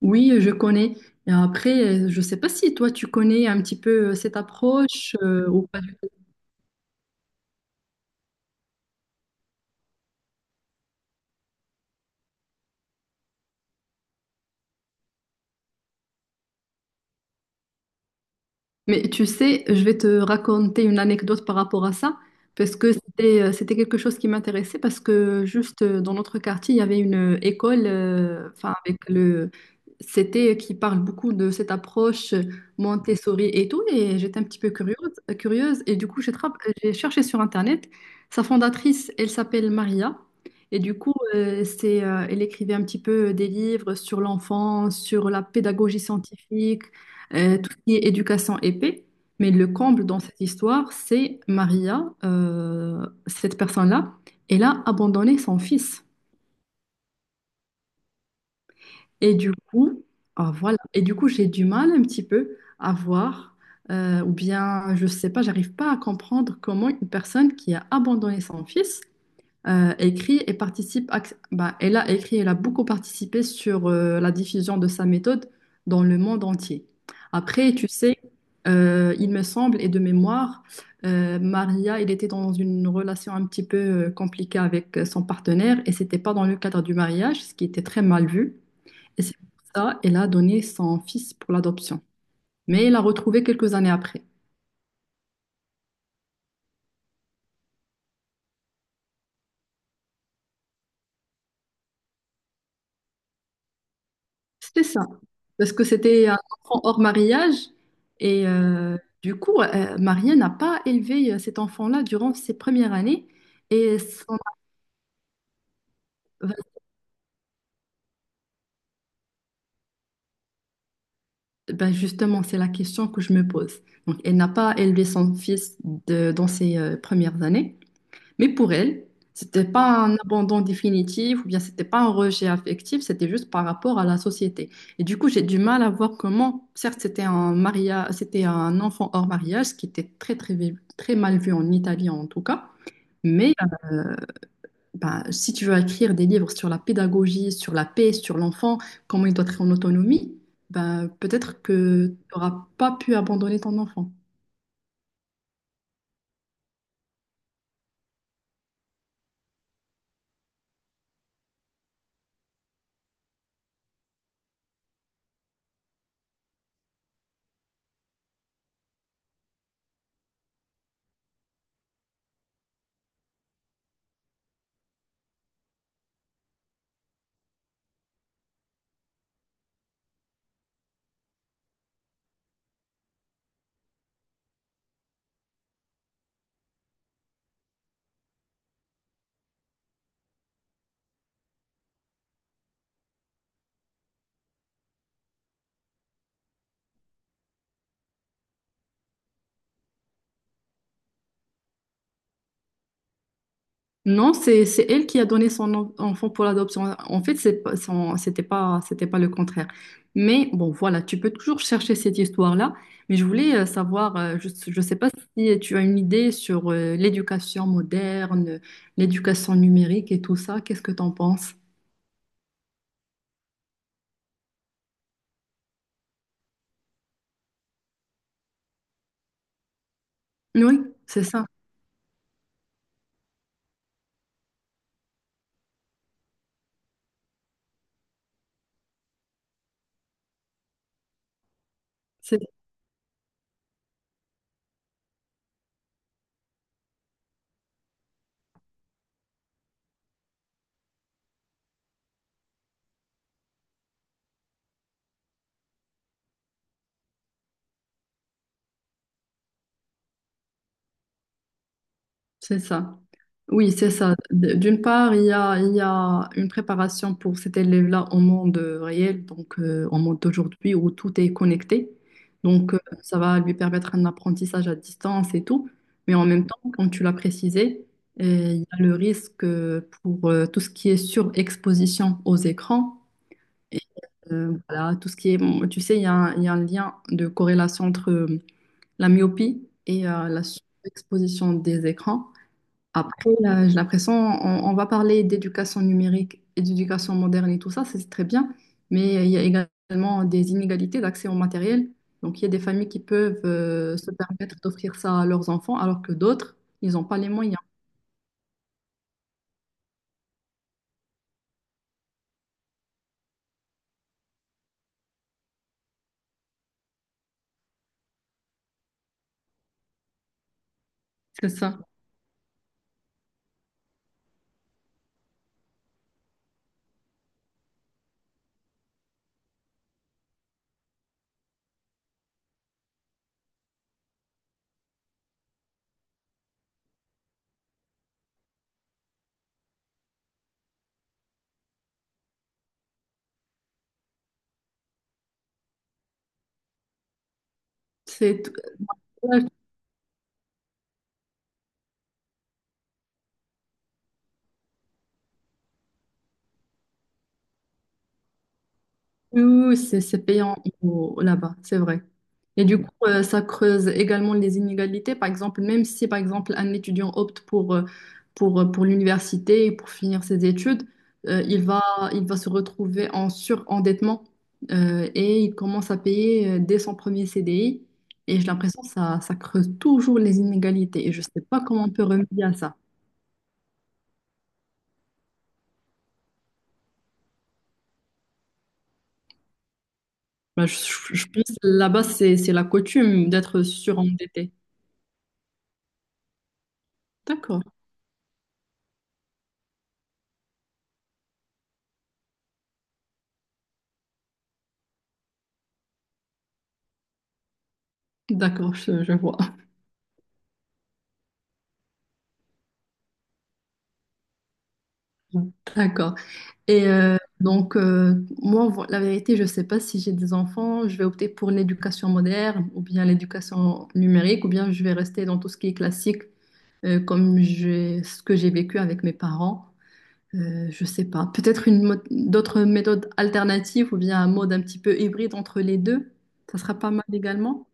Oui, je connais. Et après, je ne sais pas si toi, tu connais un petit peu cette approche ou pas. Mais tu sais, je vais te raconter une anecdote par rapport à ça, parce que c'était quelque chose qui m'intéressait, parce que juste dans notre quartier, il y avait une école, enfin avec le c'était qui parle beaucoup de cette approche Montessori et tout, et j'étais un petit peu curieuse, et du coup j'ai cherché sur Internet. Sa fondatrice, elle s'appelle Maria, et du coup c'est elle écrivait un petit peu des livres sur l'enfant, sur la pédagogie scientifique tout ce qui est éducation épée. Mais le comble dans cette histoire, c'est Maria, cette personne-là, elle a abandonné son fils. Et du coup, ah, voilà. Et du coup, j'ai du mal un petit peu à voir, ou bien, je sais pas, j'arrive pas à comprendre comment une personne qui a abandonné son fils écrit et participe. Bah, elle a écrit, elle a beaucoup participé sur la diffusion de sa méthode dans le monde entier. Après, tu sais, il me semble, et de mémoire, Maria, il était dans une relation un petit peu compliquée avec son partenaire et c'était pas dans le cadre du mariage, ce qui était très mal vu. Et c'est pour ça qu'elle a donné son fils pour l'adoption. Mais il l'a retrouvé quelques années après. C'était ça. Parce que c'était un enfant hors mariage. Et du coup, Maria n'a pas élevé cet enfant-là durant ses premières années. Et son- ben, justement, c'est la question que je me pose. Donc, elle n'a pas élevé son fils dans ses premières années. Mais pour elle, c'était pas un abandon définitif ou bien c'était pas un rejet affectif, c'était juste par rapport à la société. Et du coup, j'ai du mal à voir comment, certes, c'était un mariage, c'était un enfant hors mariage, ce qui était très, très, très mal vu en Italie en tout cas. Mais euh, ben, si tu veux écrire des livres sur la pédagogie, sur la paix, sur l'enfant, comment il doit être en autonomie, ben, peut-être que tu n'auras pas pu abandonner ton enfant. Non, c'est elle qui a donné son enfant pour l'adoption. En fait, c'était pas le contraire. Mais bon, voilà, tu peux toujours chercher cette histoire-là. Mais je voulais savoir, je sais pas si tu as une idée sur l'éducation moderne, l'éducation numérique et tout ça. Qu'est-ce que tu en penses? Oui, c'est ça. C'est ça. Oui, c'est ça. D'une part, il y a une préparation pour cet élève-là au monde réel, donc au monde d'aujourd'hui où tout est connecté. Donc, ça va lui permettre un apprentissage à distance et tout. Mais en même temps, comme tu l'as précisé, il y a le risque pour tout ce qui est surexposition aux écrans. Et voilà, tout ce qui est, bon, tu sais, il y a un lien de corrélation entre la myopie et la surexposition des écrans. Après, là, j'ai l'impression, on va parler d'éducation numérique et d'éducation moderne et tout ça, c'est très bien, mais il y a également des inégalités d'accès au matériel. Donc, il y a des familles qui peuvent se permettre d'offrir ça à leurs enfants, alors que d'autres, ils n'ont pas les moyens. C'est ça. C'est tout- Oui, oui, oui, c'est payant là-bas, c'est vrai. Et du coup, ça creuse également les inégalités. Par exemple, même si, par exemple, un étudiant opte pour, pour l'université et pour finir ses études, euh, il va, il va se retrouver en surendettement et il commence à payer dès son premier CDI. Et j'ai l'impression que ça creuse toujours les inégalités. Et je ne sais pas comment on peut remédier à ça. Bah, je pense que là-bas, c'est la coutume d'être surendetté. D'accord, d'accord, je vois. D'accord. Et donc, moi, la vérité, je ne sais pas si j'ai des enfants, je vais opter pour l'éducation moderne ou bien l'éducation numérique ou bien je vais rester dans tout ce qui est classique ce que j'ai vécu avec mes parents. Je ne sais pas. Peut-être une d'autres méthodes alternatives ou bien un mode un petit peu hybride entre les deux. Ça sera pas mal également.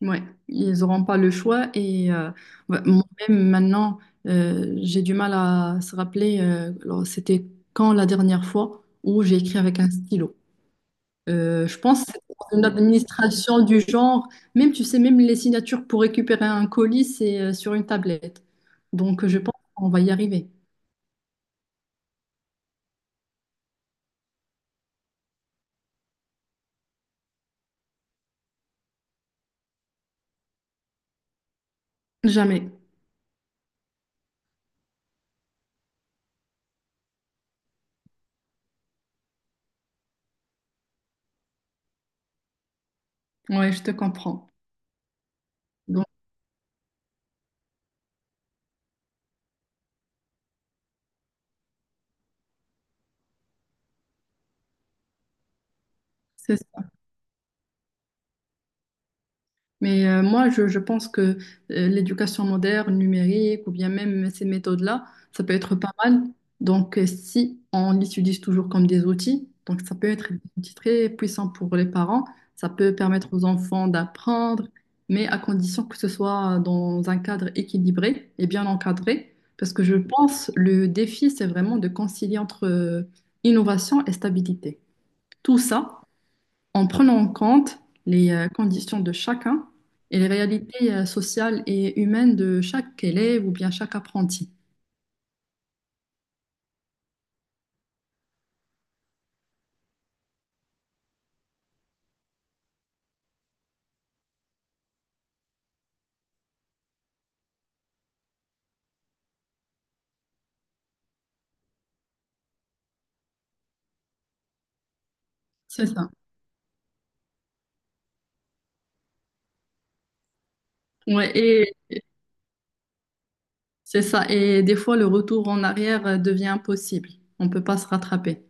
Ouais, ils n'auront pas le choix et ouais, moi-même maintenant, j'ai du mal à se rappeler, alors, c'était quand la dernière fois où j'ai écrit avec un stylo. Je pense que c'est une administration du genre, même tu sais, même les signatures pour récupérer un colis, c'est sur une tablette. Donc je pense qu'on va y arriver. Jamais. Ouais, je te comprends. Donc c'est ça. Mais moi, je pense que l'éducation moderne, numérique, ou bien même ces méthodes-là, ça peut être pas mal. Donc, si on les utilise toujours comme des outils, donc ça peut être des outils très puissants pour les parents, ça peut permettre aux enfants d'apprendre, mais à condition que ce soit dans un cadre équilibré et bien encadré. Parce que je pense le défi, c'est vraiment de concilier entre innovation et stabilité. Tout ça en prenant en compte les conditions de chacun et les réalités sociales et humaines de chaque élève ou bien chaque apprenti. C'est ça. Ouais, et c'est ça. Et des fois, le retour en arrière devient impossible. On ne peut pas se rattraper.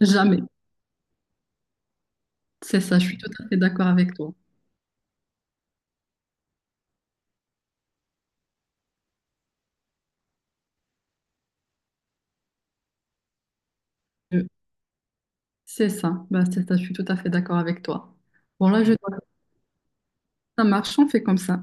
Jamais. C'est ça, je suis tout à fait d'accord avec toi. Euh, C'est ça. Bah, c'est ça, je suis tout à fait d'accord avec toi. Bon, là, je... dois... ça marche, on fait comme ça.